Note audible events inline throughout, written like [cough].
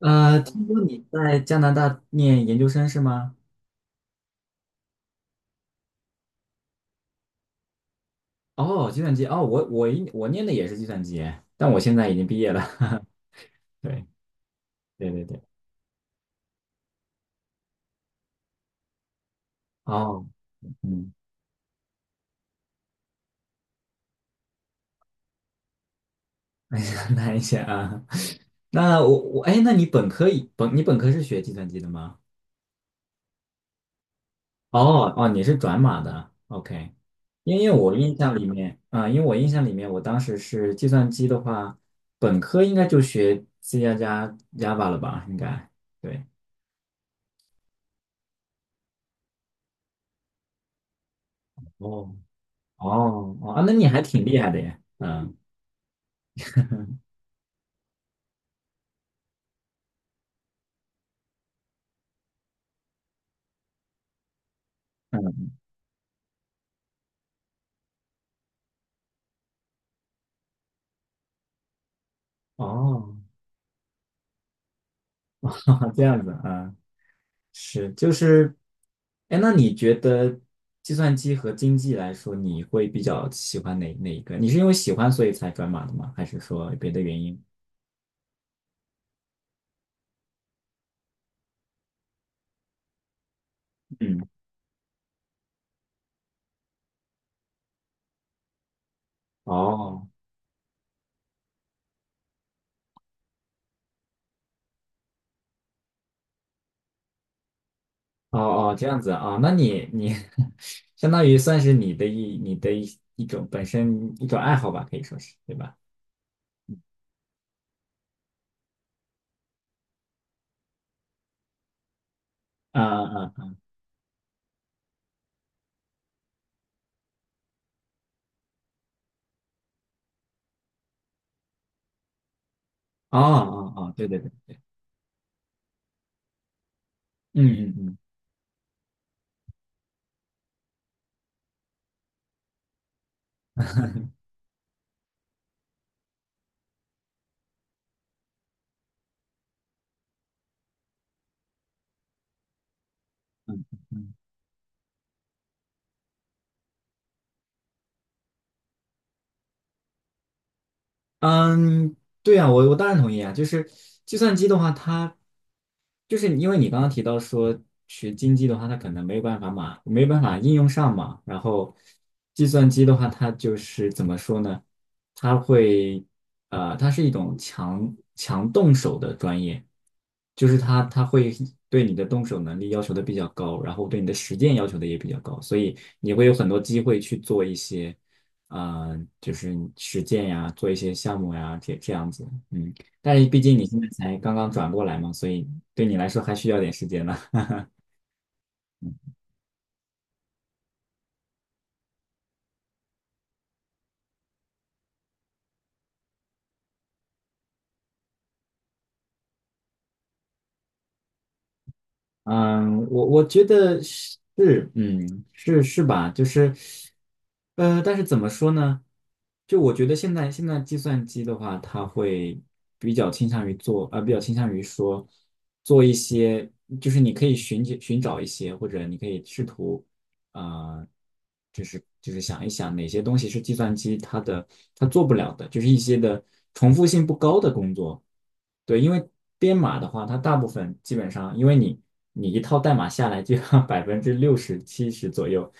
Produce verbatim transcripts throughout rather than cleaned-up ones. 呃，听说你在加拿大念研究生是吗？哦，计算机哦，我我一我念的也是计算机，但我现在已经毕业了。[laughs] 对对对对，哦，嗯，[laughs] 哎呀，难一些啊。那我我哎，那你本科以本你本科是学计算机的吗？哦哦，你是转码的，OK。因为我印象里面，啊、因为我印象里面，我当时是计算机的话，本科应该就学 C 加加 Java 了吧？应该对。哦哦哦，啊那你还挺厉害的呀！嗯嗯，哦，[laughs] 这样子啊，是就是，哎，那你觉得计算机和经济来说，你会比较喜欢哪哪一个？你是因为喜欢所以才转码的吗？还是说别的原因？嗯，哦哦哦，这样子啊，那你你 [laughs] 相当于算是你的一你的一一种本身一种爱好吧，可以说是，对吧？啊啊啊，哦哦哦，对对对，嗯嗯嗯嗯嗯。嗯嗯，对啊，我我当然同意啊。就是计算机的话，它就是因为你刚刚提到说学经济的话，它可能没有办法嘛，没有办法应用上嘛。然后计算机的话，它就是怎么说呢？它会呃，它是一种强强动手的专业，就是它它会对你的动手能力要求的比较高，然后对你的实践要求的也比较高，所以你会有很多机会去做一些。呃，就是实践呀，做一些项目呀，这这样子，嗯，但是毕竟你现在才刚刚转过来嘛，所以对你来说还需要点时间呢。[laughs] 嗯，我我觉得是，嗯，是是吧？就是，呃，但是怎么说呢？就我觉得现在现在计算机的话，它会比较倾向于做，呃，比较倾向于说做一些，就是你可以寻求寻找一些，或者你可以试图。啊、呃就是就是想一想哪些东西是计算机它的它做不了的，就是一些的重复性不高的工作。对，因为编码的话，它大部分基本上，因为你你一套代码下来，就要百分之六十七十左右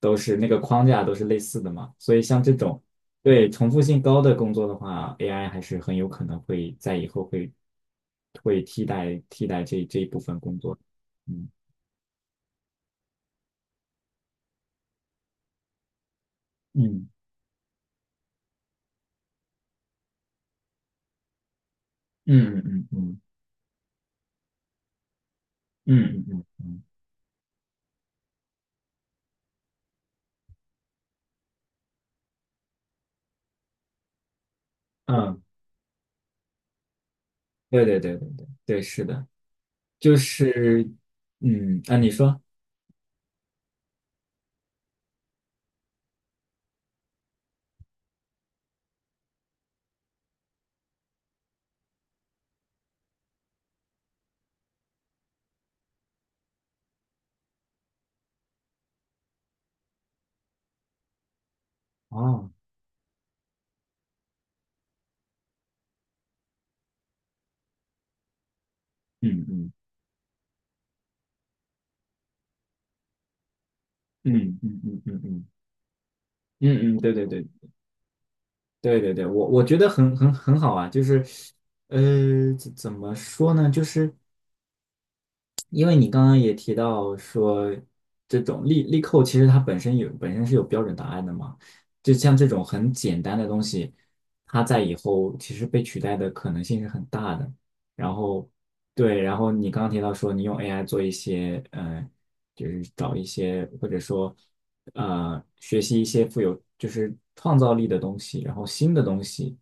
都是那个框架都是类似的嘛，所以像这种对重复性高的工作的话，A I 还是很有可能会在以后会会替代替代这这一部分工作。嗯嗯嗯嗯嗯嗯嗯嗯嗯嗯。嗯对对对对对对，是的，就是嗯，啊，你说哦，嗯嗯嗯嗯嗯嗯嗯嗯嗯，对对对对对对，我我觉得很很很好啊，就是呃，怎怎么说呢，就是。因为你刚刚也提到说，这种力力扣其实它本身有本身是有标准答案的嘛，就像这种很简单的东西，它在以后其实被取代的可能性是很大的。然后对，然后你刚刚提到说你用 A I 做一些，呃，就是找一些或者说呃学习一些富有就是创造力的东西，然后新的东西。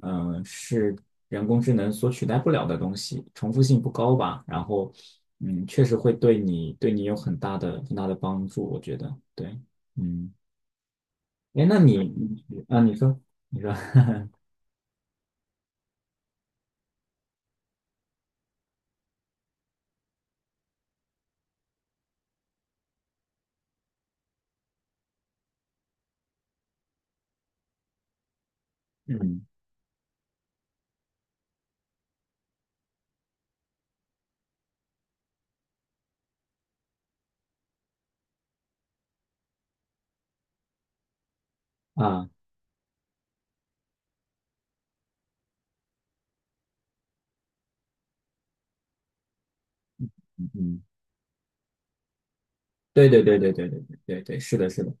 嗯、是人工智能所取代不了的东西，重复性不高吧。然后，嗯，确实会对你对你有很大的很大的帮助，我觉得。对，嗯，哎，那你你啊，你说，你说，[laughs] 嗯啊，嗯，对对对对对对对对对，是的，是的，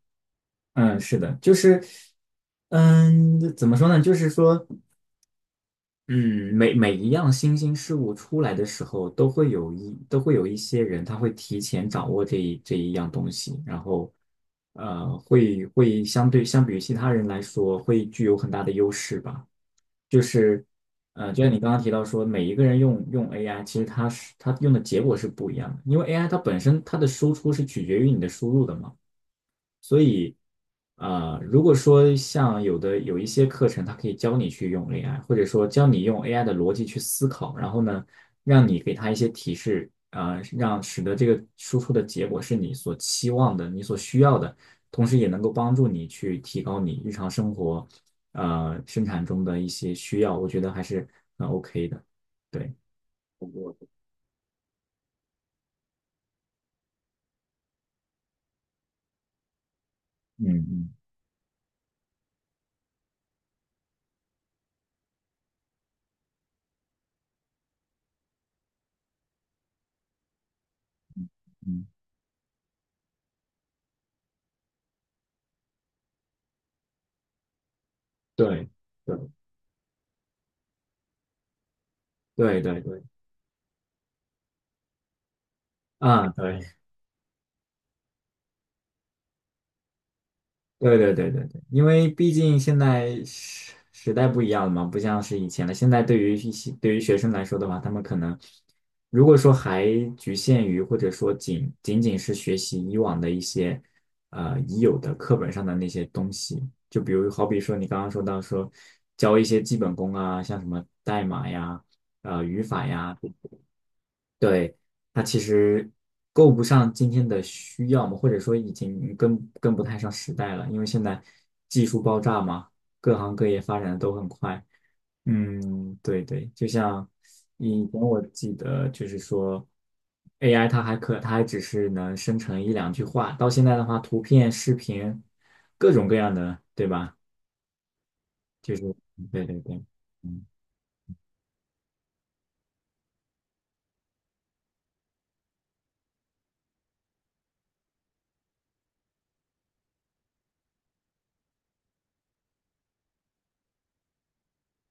嗯，是的，就是，嗯，怎么说呢？就是说。嗯，每每一样新兴事物出来的时候，都会有一都会有一些人，他会提前掌握这一这一样东西，然后，呃，会会相对相比于其他人来说，会具有很大的优势吧。就是，呃，就像你刚刚提到说，每一个人用用 A I，其实它是它用的结果是不一样的，因为 A I 它本身它的输出是取决于你的输入的嘛。所以，呃，如果说像有的有一些课程，它可以教你去用 A I，或者说教你用 A I 的逻辑去思考，然后呢，让你给它一些提示，啊、让使得这个输出的结果是你所期望的、你所需要的，同时也能够帮助你去提高你日常生活，呃，生产中的一些需要，我觉得还是很 OK 的。对，嗯嗯嗯，对，对，对，对，对，啊，对。对对对对对，因为毕竟现在时时代不一样了嘛，不像是以前了。现在对于一些对于学生来说的话，他们可能如果说还局限于或者说仅仅仅是学习以往的一些呃已有的课本上的那些东西，就比如好比说你刚刚说到说教一些基本功啊，像什么代码呀、呃语法呀。对，它其实够不上今天的需要嘛，或者说已经跟跟不太上时代了，因为现在技术爆炸嘛，各行各业发展的都很快。嗯，对对，就像以前我记得，就是说 A I 它还可，它还只是能生成一两句话，到现在的话，图片、视频，各种各样的，对吧？就是，对对对，嗯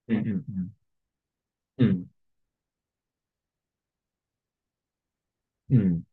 嗯嗯嗯嗯。嗯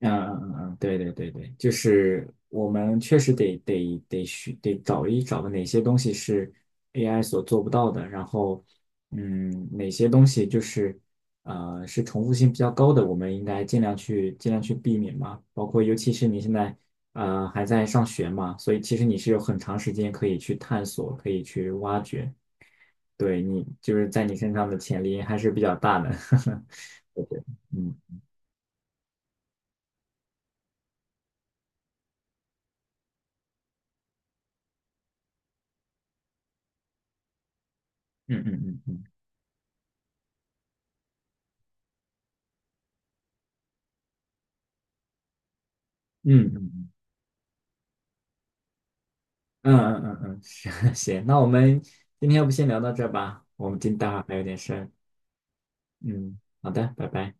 嗯嗯嗯，对对对对，就是我们确实得得得需得找一找哪些东西是 A I 所做不到的，然后嗯，哪些东西就是呃是重复性比较高的，我们应该尽量去尽量去避免嘛。包括尤其是你现在呃还在上学嘛，所以其实你是有很长时间可以去探索，可以去挖掘，对你就是在你身上的潜力还是比较大的。[laughs] 对对，嗯嗯嗯嗯嗯嗯嗯。嗯嗯嗯嗯嗯，[laughs] 行行那我们今天要不先聊到这儿吧，我们今待会儿还有点事儿嗯，好的，拜拜。